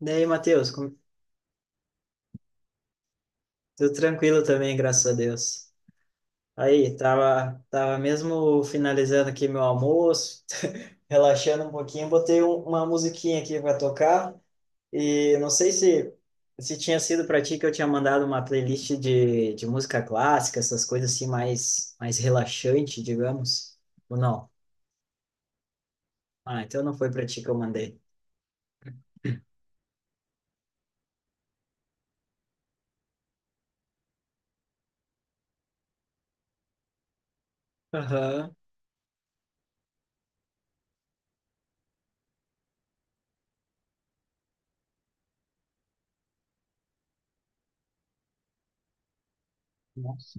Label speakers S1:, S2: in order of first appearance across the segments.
S1: Daí Matheus, como- tudo tranquilo também, graças a Deus. Aí, tava mesmo finalizando aqui meu almoço, relaxando um pouquinho, botei um- uma musiquinha aqui para tocar e não sei se tinha sido para ti que eu tinha mandado uma playlist de música clássica, essas coisas assim mais relaxante, digamos, ou não? Ah, então não foi para ti que eu mandei. Aham. Nossa.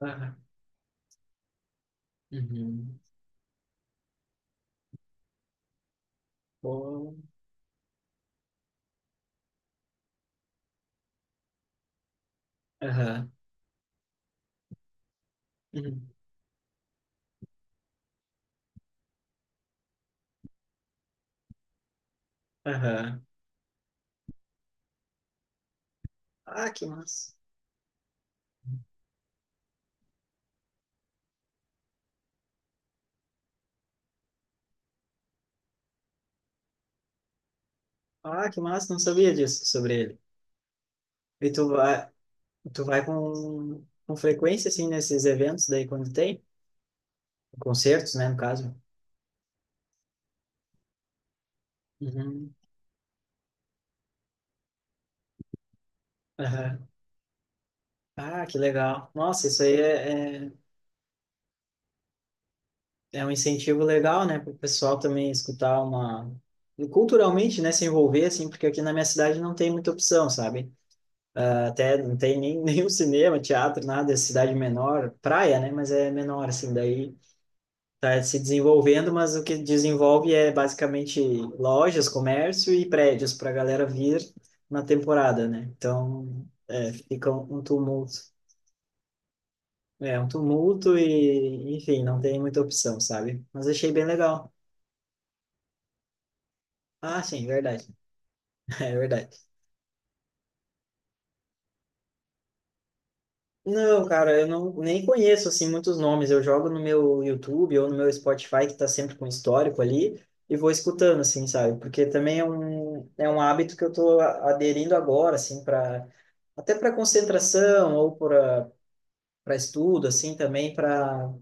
S1: Aham. Uhum. Bom. Aham. Uhum. Aham. Ah, que massa. Ah, que massa, não sabia disso sobre ele. E tu vai com frequência, assim, nesses eventos daí quando tem? Concertos, né, no caso? Uhum. Aham. Ah, que legal. Nossa, isso aí é, é, é um incentivo legal, né, para o pessoal também escutar uma... e culturalmente, né, se envolver, assim, porque aqui na minha cidade não tem muita opção, sabe? Ah, até não tem nem, nenhum cinema, teatro, nada, é cidade menor, praia, né, mas é menor, assim, daí... está se desenvolvendo, mas o que desenvolve é basicamente lojas, comércio e prédios para a galera vir na temporada, né? Então, é, fica um tumulto. É, um tumulto e, enfim, não tem muita opção, sabe? Mas achei bem legal. Ah, sim, verdade. É verdade. Não, cara, eu não, nem conheço assim muitos nomes. Eu jogo no meu YouTube ou no meu Spotify que tá sempre com histórico ali e vou escutando assim, sabe? Porque também é um hábito que eu tô aderindo agora assim para até para concentração ou para para estudo assim também para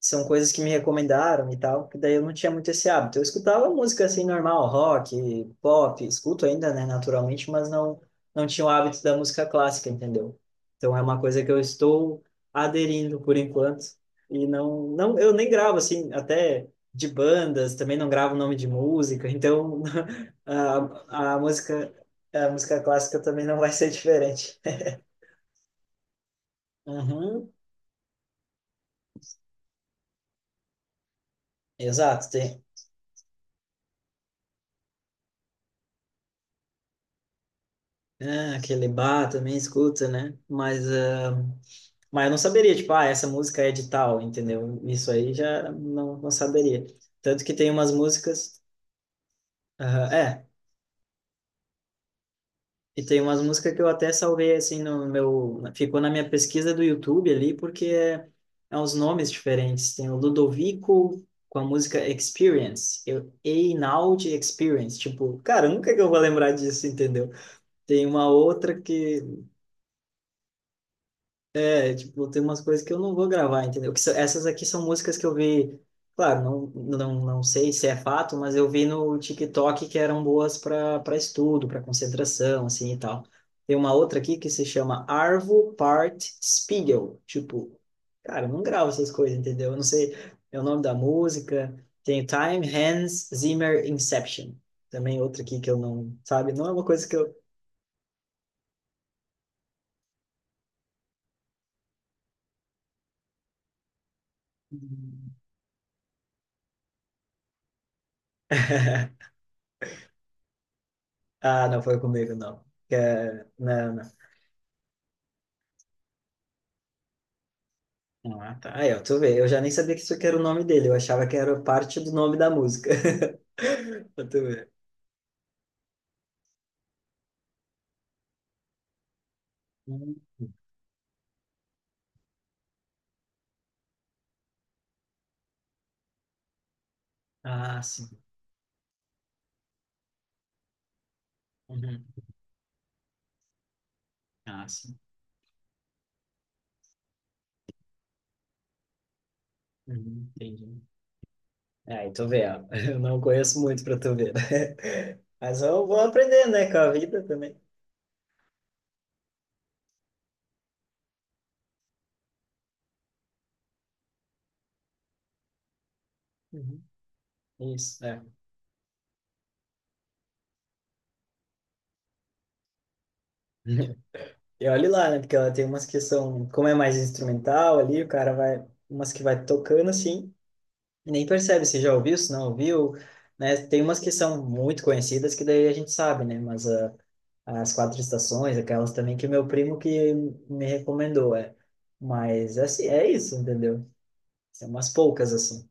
S1: são coisas que me recomendaram e tal, que daí eu não tinha muito esse hábito. Eu escutava música assim normal, rock, pop, escuto ainda, né, naturalmente, mas não tinha o hábito da música clássica, entendeu? Então é uma coisa que eu estou aderindo por enquanto e não eu nem gravo assim, até de bandas, também não gravo nome de música, então a música a música clássica também não vai ser diferente. Uhum, exato, tem, é, aquele bar também escuta, né? Mas, ah, mas eu não saberia, tipo, ah, essa música é de tal, entendeu? Isso aí já não, não saberia. Tanto que tem umas músicas. Ah, é, e tem umas músicas que eu até salvei, assim, no meu. Ficou na minha pesquisa do YouTube ali, porque é, é uns nomes diferentes. Tem o Ludovico com a música Experience, eu, Einaudi Experience. Tipo, cara, nunca que eu vou lembrar disso, entendeu? Tem uma outra que é, tipo, tem umas coisas que eu não vou gravar, entendeu? Que são- essas aqui são músicas que eu vi, claro, não, não, não sei se é fato, mas eu vi no TikTok que eram boas para para estudo, para concentração, assim e tal. Tem uma outra aqui que se chama Arvo Part Spiegel. Tipo, cara, eu não gravo essas coisas, entendeu? Eu não sei é o nome da música. Tem Time, Hans Zimmer, Inception. Também outra aqui que eu não, sabe? Não é uma coisa que eu. Ah, não foi comigo, não. É- Não, não. Não, ah, tá. Aí, ó, tu vê, eu já nem sabia que isso aqui era o nome dele, eu achava que era parte do nome da música. Pra tu ver. Hum. Ah, sim. Uhum. Ah, sim. Uhum, entendi. É, aí tu vê, ó. Eu não conheço muito pra tu ver. Mas eu vou aprender, né, com a vida também. Uhum. Isso, é. E olhe lá, né, porque ela tem umas que são, como é mais instrumental ali, o cara vai, umas que vai tocando assim. Nem percebe se já ouviu, se não ouviu, né? Tem umas que são muito conhecidas que daí a gente sabe, né? Mas ah, as quatro estações, aquelas também que o meu primo que me recomendou, é. Mas assim, é isso, entendeu? São umas poucas assim.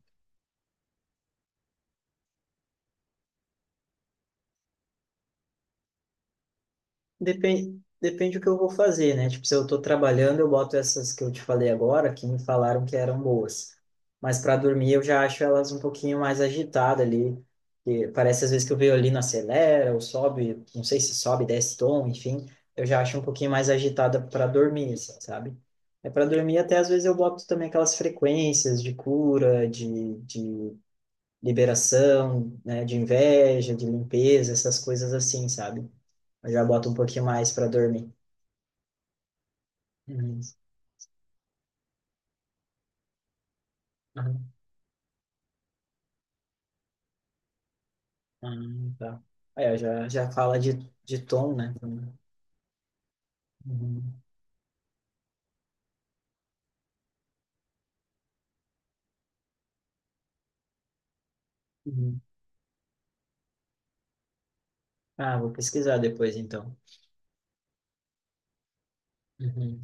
S1: Depende, depende do que eu vou fazer, né? Tipo, se eu tô trabalhando, eu boto essas que eu te falei agora, que me falaram que eram boas. Mas para dormir, eu já acho elas um pouquinho mais agitadas ali. Que parece às vezes que o violino acelera ou sobe, não sei se sobe, desce tom, enfim. Eu já acho um pouquinho mais agitada para dormir, assim, sabe? É para dormir, até às vezes eu boto também aquelas frequências de cura, de liberação, né? De inveja, de limpeza, essas coisas assim, sabe? Eu já boto um pouquinho mais para dormir. Uhum. Uhum. Ah, tá. Aí, ó, já fala de tom, né? Uhum. Uhum. Ah, vou pesquisar depois, então. Uhum.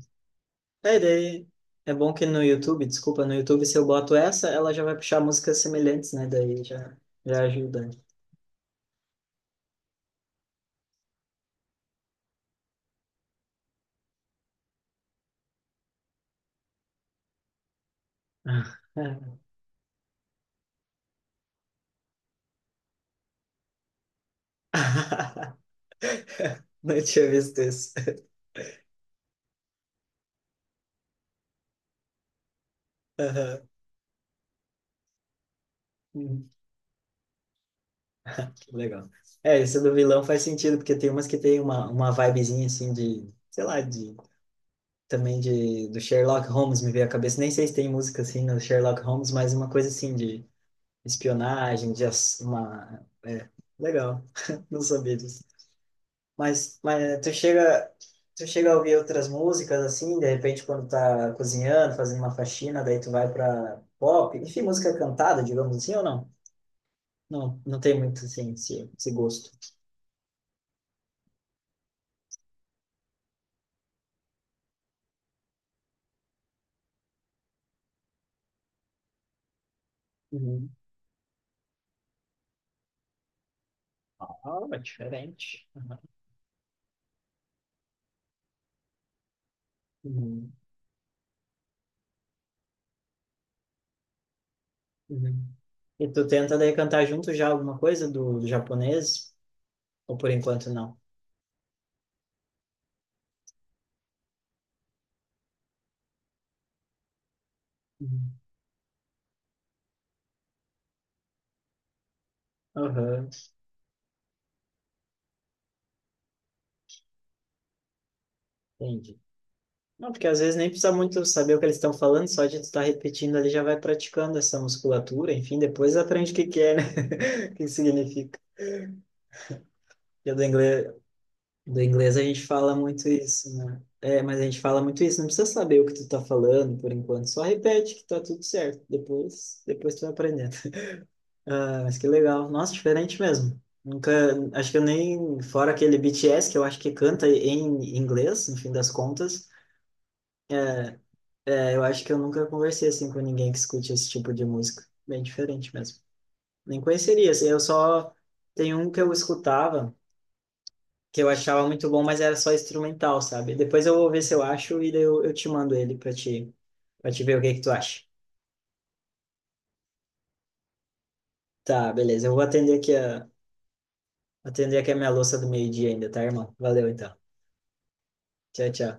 S1: Aí, daí, é bom que no YouTube, desculpa, no YouTube, se eu boto essa, ela já vai puxar músicas semelhantes, né? Daí já, já ajuda. Ah. Não tinha visto isso. Aham. Uhum. Que legal. É, isso do vilão faz sentido, porque tem umas que tem uma vibezinha, assim, de, sei lá, de também de, do Sherlock Holmes me veio à cabeça. Nem sei se tem música assim no Sherlock Holmes, mas uma coisa assim de espionagem, de ass- uma... É, legal, não sabia disso. Mas tu chega a ouvir outras músicas assim, de repente quando tá cozinhando, fazendo uma faxina, daí tu vai pra pop, enfim, música cantada, digamos assim, ou não? Não, não tem muito assim esse gosto. Uhum. Ah, é diferente. Uhum. Uhum. E tu tenta daí cantar junto já alguma coisa do, do japonês? Ou por enquanto não? Uhum. Aham, entendi. Não, porque às vezes nem precisa muito saber o que eles estão falando, só de tu estar repetindo ali já vai praticando essa musculatura, enfim, depois aprende o que que é, né? O que significa. Porque do inglês a gente fala muito isso, né? É, mas a gente fala muito isso, não precisa saber o que tu tá falando por enquanto, só repete que tá tudo certo, depois, depois tu vai aprendendo. Ah, mas que legal. Nossa, diferente mesmo. Nunca, acho que eu nem, fora aquele BTS, que eu acho que canta em inglês, no fim das contas, é, eu acho que eu nunca conversei assim com ninguém que escute esse tipo de música. Bem diferente mesmo. Nem conheceria, assim, eu só tem um que eu escutava, que eu achava muito bom, mas era só instrumental, sabe? Depois eu vou ver se eu acho e daí eu te mando ele para te ver o que que tu acha. Tá, beleza. Eu vou atender aqui a minha louça do meio-dia ainda, tá, irmão? Valeu então. Tchau, tchau.